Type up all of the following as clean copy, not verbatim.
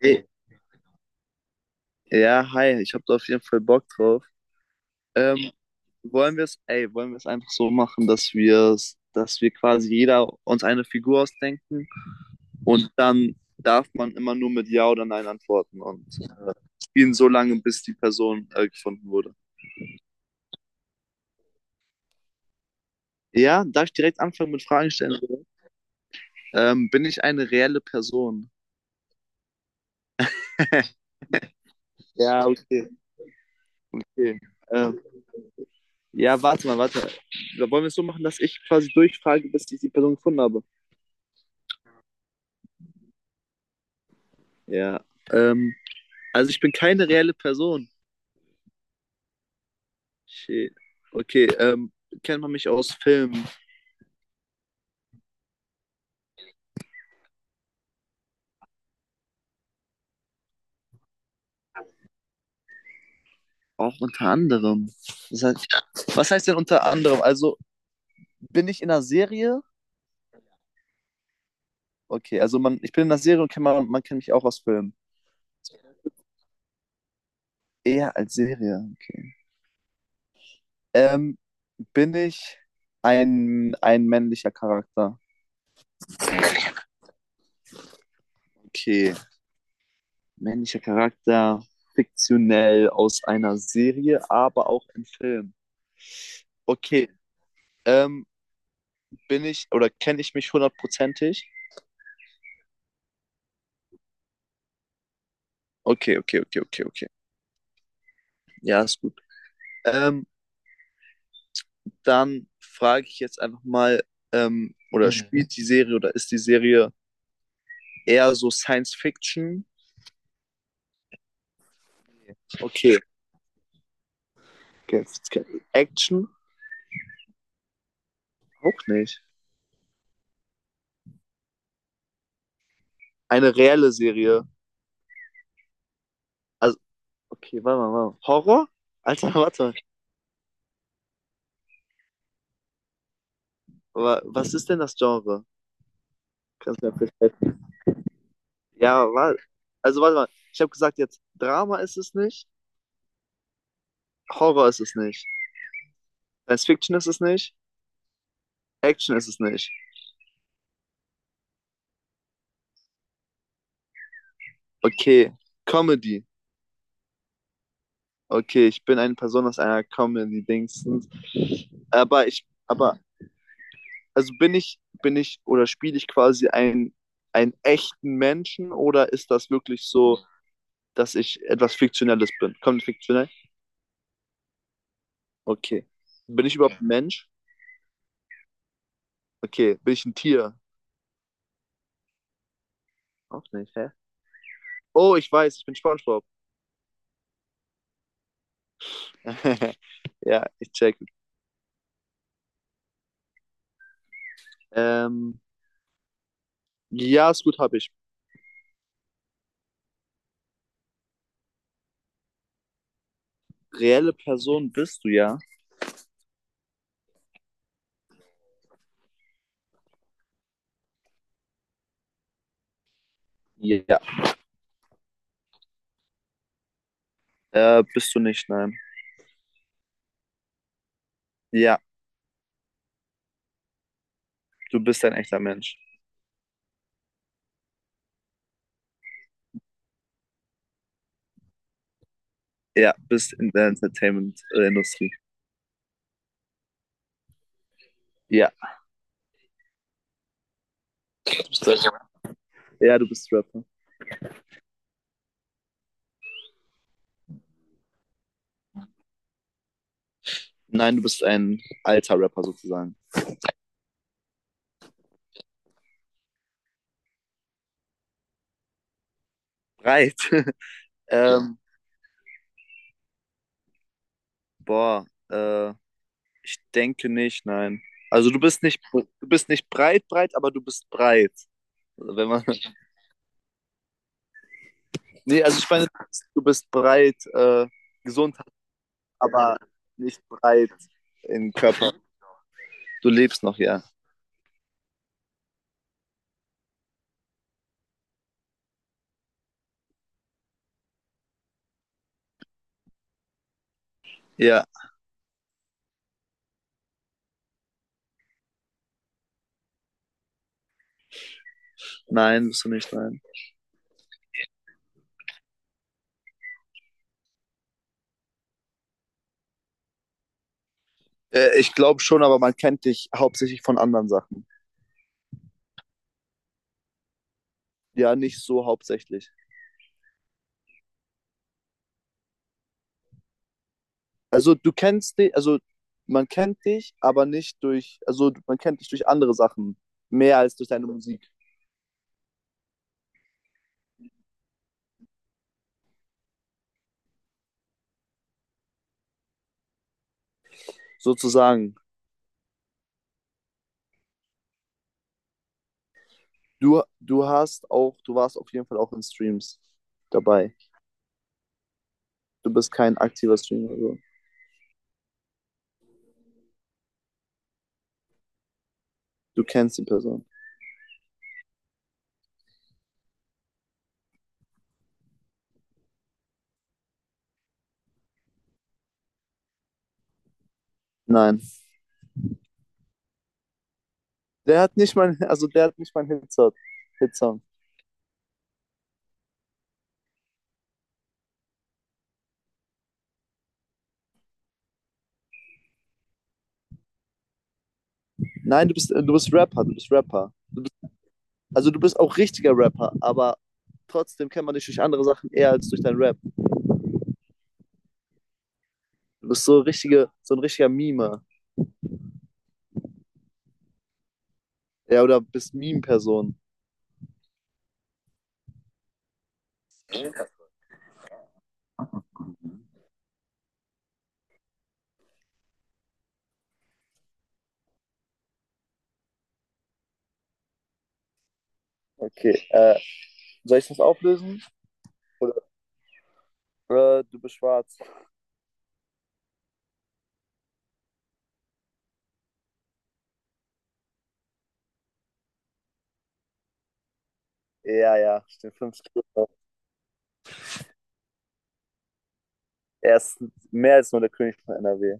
Ey, ja, hi, ich habe da auf jeden Fall Bock drauf. Ähm, Wollen wir es, wollen wir es einfach so machen, dass wir quasi jeder uns eine Figur ausdenken und dann darf man immer nur mit Ja oder Nein antworten und spielen so lange, bis die Person gefunden wurde. Ja, darf ich direkt anfangen mit Fragen stellen? Bin ich eine reelle Person? Ja, okay, okay. Ähm, ja, warte mal, warte. Da wollen wir es so machen, dass ich quasi durchfrage, bis ich die Person gefunden habe. Ja. Ähm, also ich bin keine reelle Person. Shit. Okay, kennt man mich aus Filmen? Auch unter anderem. Das heißt, was heißt denn unter anderem? Also bin ich in einer Serie? Okay, also man, ich bin in einer Serie und kennt man, man kennt mich auch aus Filmen. Eher als Serie, okay. Ähm, bin ich ein männlicher Charakter? Okay, männlicher Charakter, fiktionell aus einer Serie, aber auch im Film. Okay, ähm, bin ich oder kenne ich mich hundertprozentig? Okay, okay, okay, okay, okay. Ja, ist gut. Ähm, dann frage ich jetzt einfach mal, oder Mhm. spielt die Serie oder ist die Serie eher so Science Fiction? Okay. Okay. Action? Auch nicht. Eine reelle Serie. Also, okay, warte mal, warte mal. Horror? Alter, warte mal. Was ist denn das Genre? Kannst du mir vielleicht helfen? Ja, warte. Also, warte mal. Ich habe gesagt, jetzt Drama ist es nicht, Horror ist es nicht, Science Fiction ist es nicht, Action ist es nicht. Okay, Comedy. Okay, ich bin eine Person aus einer Comedy-Dingsens. Aber ich, aber, also bin ich oder spiele ich quasi einen echten Menschen oder ist das wirklich so, dass ich etwas Fiktionelles bin? Kommt fiktionell? Okay. Bin ich überhaupt Ja. ein Mensch? Okay. Bin ich ein Tier? Auch nicht, hä? Oh, ich weiß, ich bin SpongeBob. Ja, ich check. Ähm, ja, ist gut, habe ich. Reelle Person bist du, ja? Ja. Bist du nicht, nein. Ja, du bist ein echter Mensch. Ja, bist in der Entertainment-Industrie. Ja. Bist du- Ja, du bist Rapper. Nein, du bist ein alter Rapper sozusagen. Breit. ähm, boah, ich denke nicht, nein. Also du bist nicht breit, breit, aber du bist breit. Also wenn man, nee, also ich meine, du bist breit, gesund, aber nicht breit im Körper. Du lebst noch, ja. Ja, nein, bist du nicht, nein. Ich glaube schon, aber man kennt dich hauptsächlich von anderen Sachen. Ja, nicht so hauptsächlich. Also du kennst dich, also man kennt dich, aber nicht durch, also man kennt dich durch andere Sachen mehr als durch deine Musik sozusagen. Du hast auch, du warst auf jeden Fall auch in Streams dabei. Du bist kein aktiver Streamer, also du kennst die Person. Nein, der hat nicht mein, also der hat nicht mein Hitsong. Hitsong. Nein, du bist Rapper, du bist Rapper. Du bist, also du bist auch richtiger Rapper, aber trotzdem kennt man dich durch andere Sachen eher als durch deinen Rap. Du bist so richtige, so ein richtiger Meme. Ja, oder bist Meme-Person. Okay, soll ich das auflösen? Oder, oder du bist schwarz. Ja, ja, stimmt. 5 Kilo. Er ist mehr als nur der König von NRW.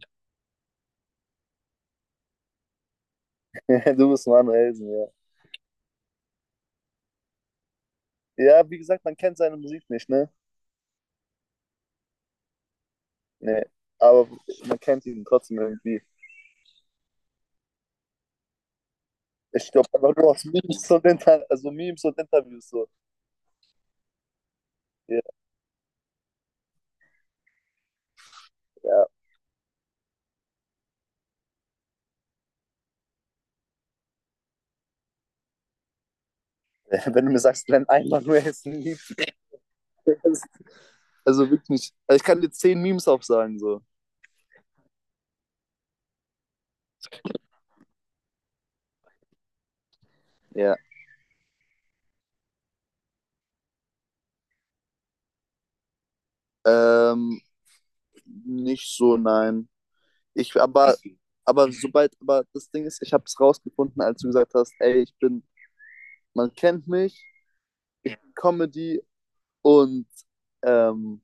Du bist Manuel Elsen, ja. Ja, wie gesagt, man kennt seine Musik nicht, ne? Nee. Aber man kennt ihn trotzdem irgendwie. Ich glaube einfach nur aus Memes und, Inter also Memes und Interviews so. Ja, ja. Wenn du mir sagst, Glenn Einmann, du ist Also wirklich. Nicht. Also ich kann dir 10 Memes aufsagen, so. Ja, ähm, nicht so, nein. Ich, aber, hast du? Aber Mhm. sobald, aber das Ding ist, ich habe es rausgefunden, als du gesagt hast, ey, ich bin, man kennt mich, ich bin Comedy und ähm,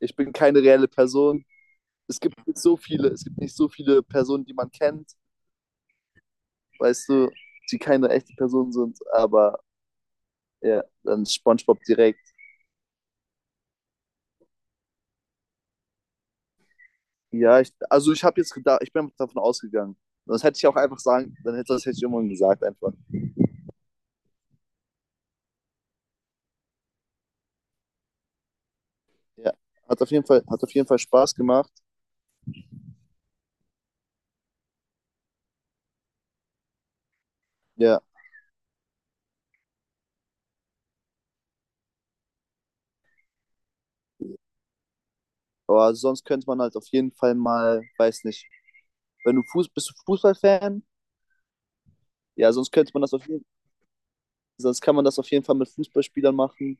ich bin keine reelle Person. Es gibt nicht so viele, es gibt nicht so viele Personen, die man kennt, weißt du, die keine echte Person sind, aber ja, dann SpongeBob direkt. Ja, ich, also ich habe jetzt gedacht, ich bin davon ausgegangen. Das hätte ich auch einfach sagen, dann hätte, das hätte ich irgendwann gesagt einfach. Ja, hat auf jeden Fall, hat auf jeden Fall Spaß gemacht. Ja, aber sonst könnte man halt auf jeden Fall mal, weiß nicht, wenn du Fuß, bist du Fußballfan? Ja, sonst könnte man das auf jeden, sonst kann man das auf jeden Fall mit Fußballspielern machen.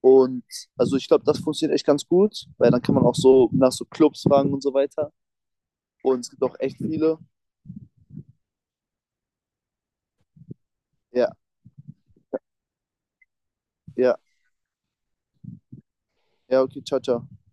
Und also ich glaube, das funktioniert echt ganz gut, weil dann kann man auch so nach so Clubs fragen und so weiter. Und es gibt auch echt viele. Ja, ja, ja, okay, ciao, ciao.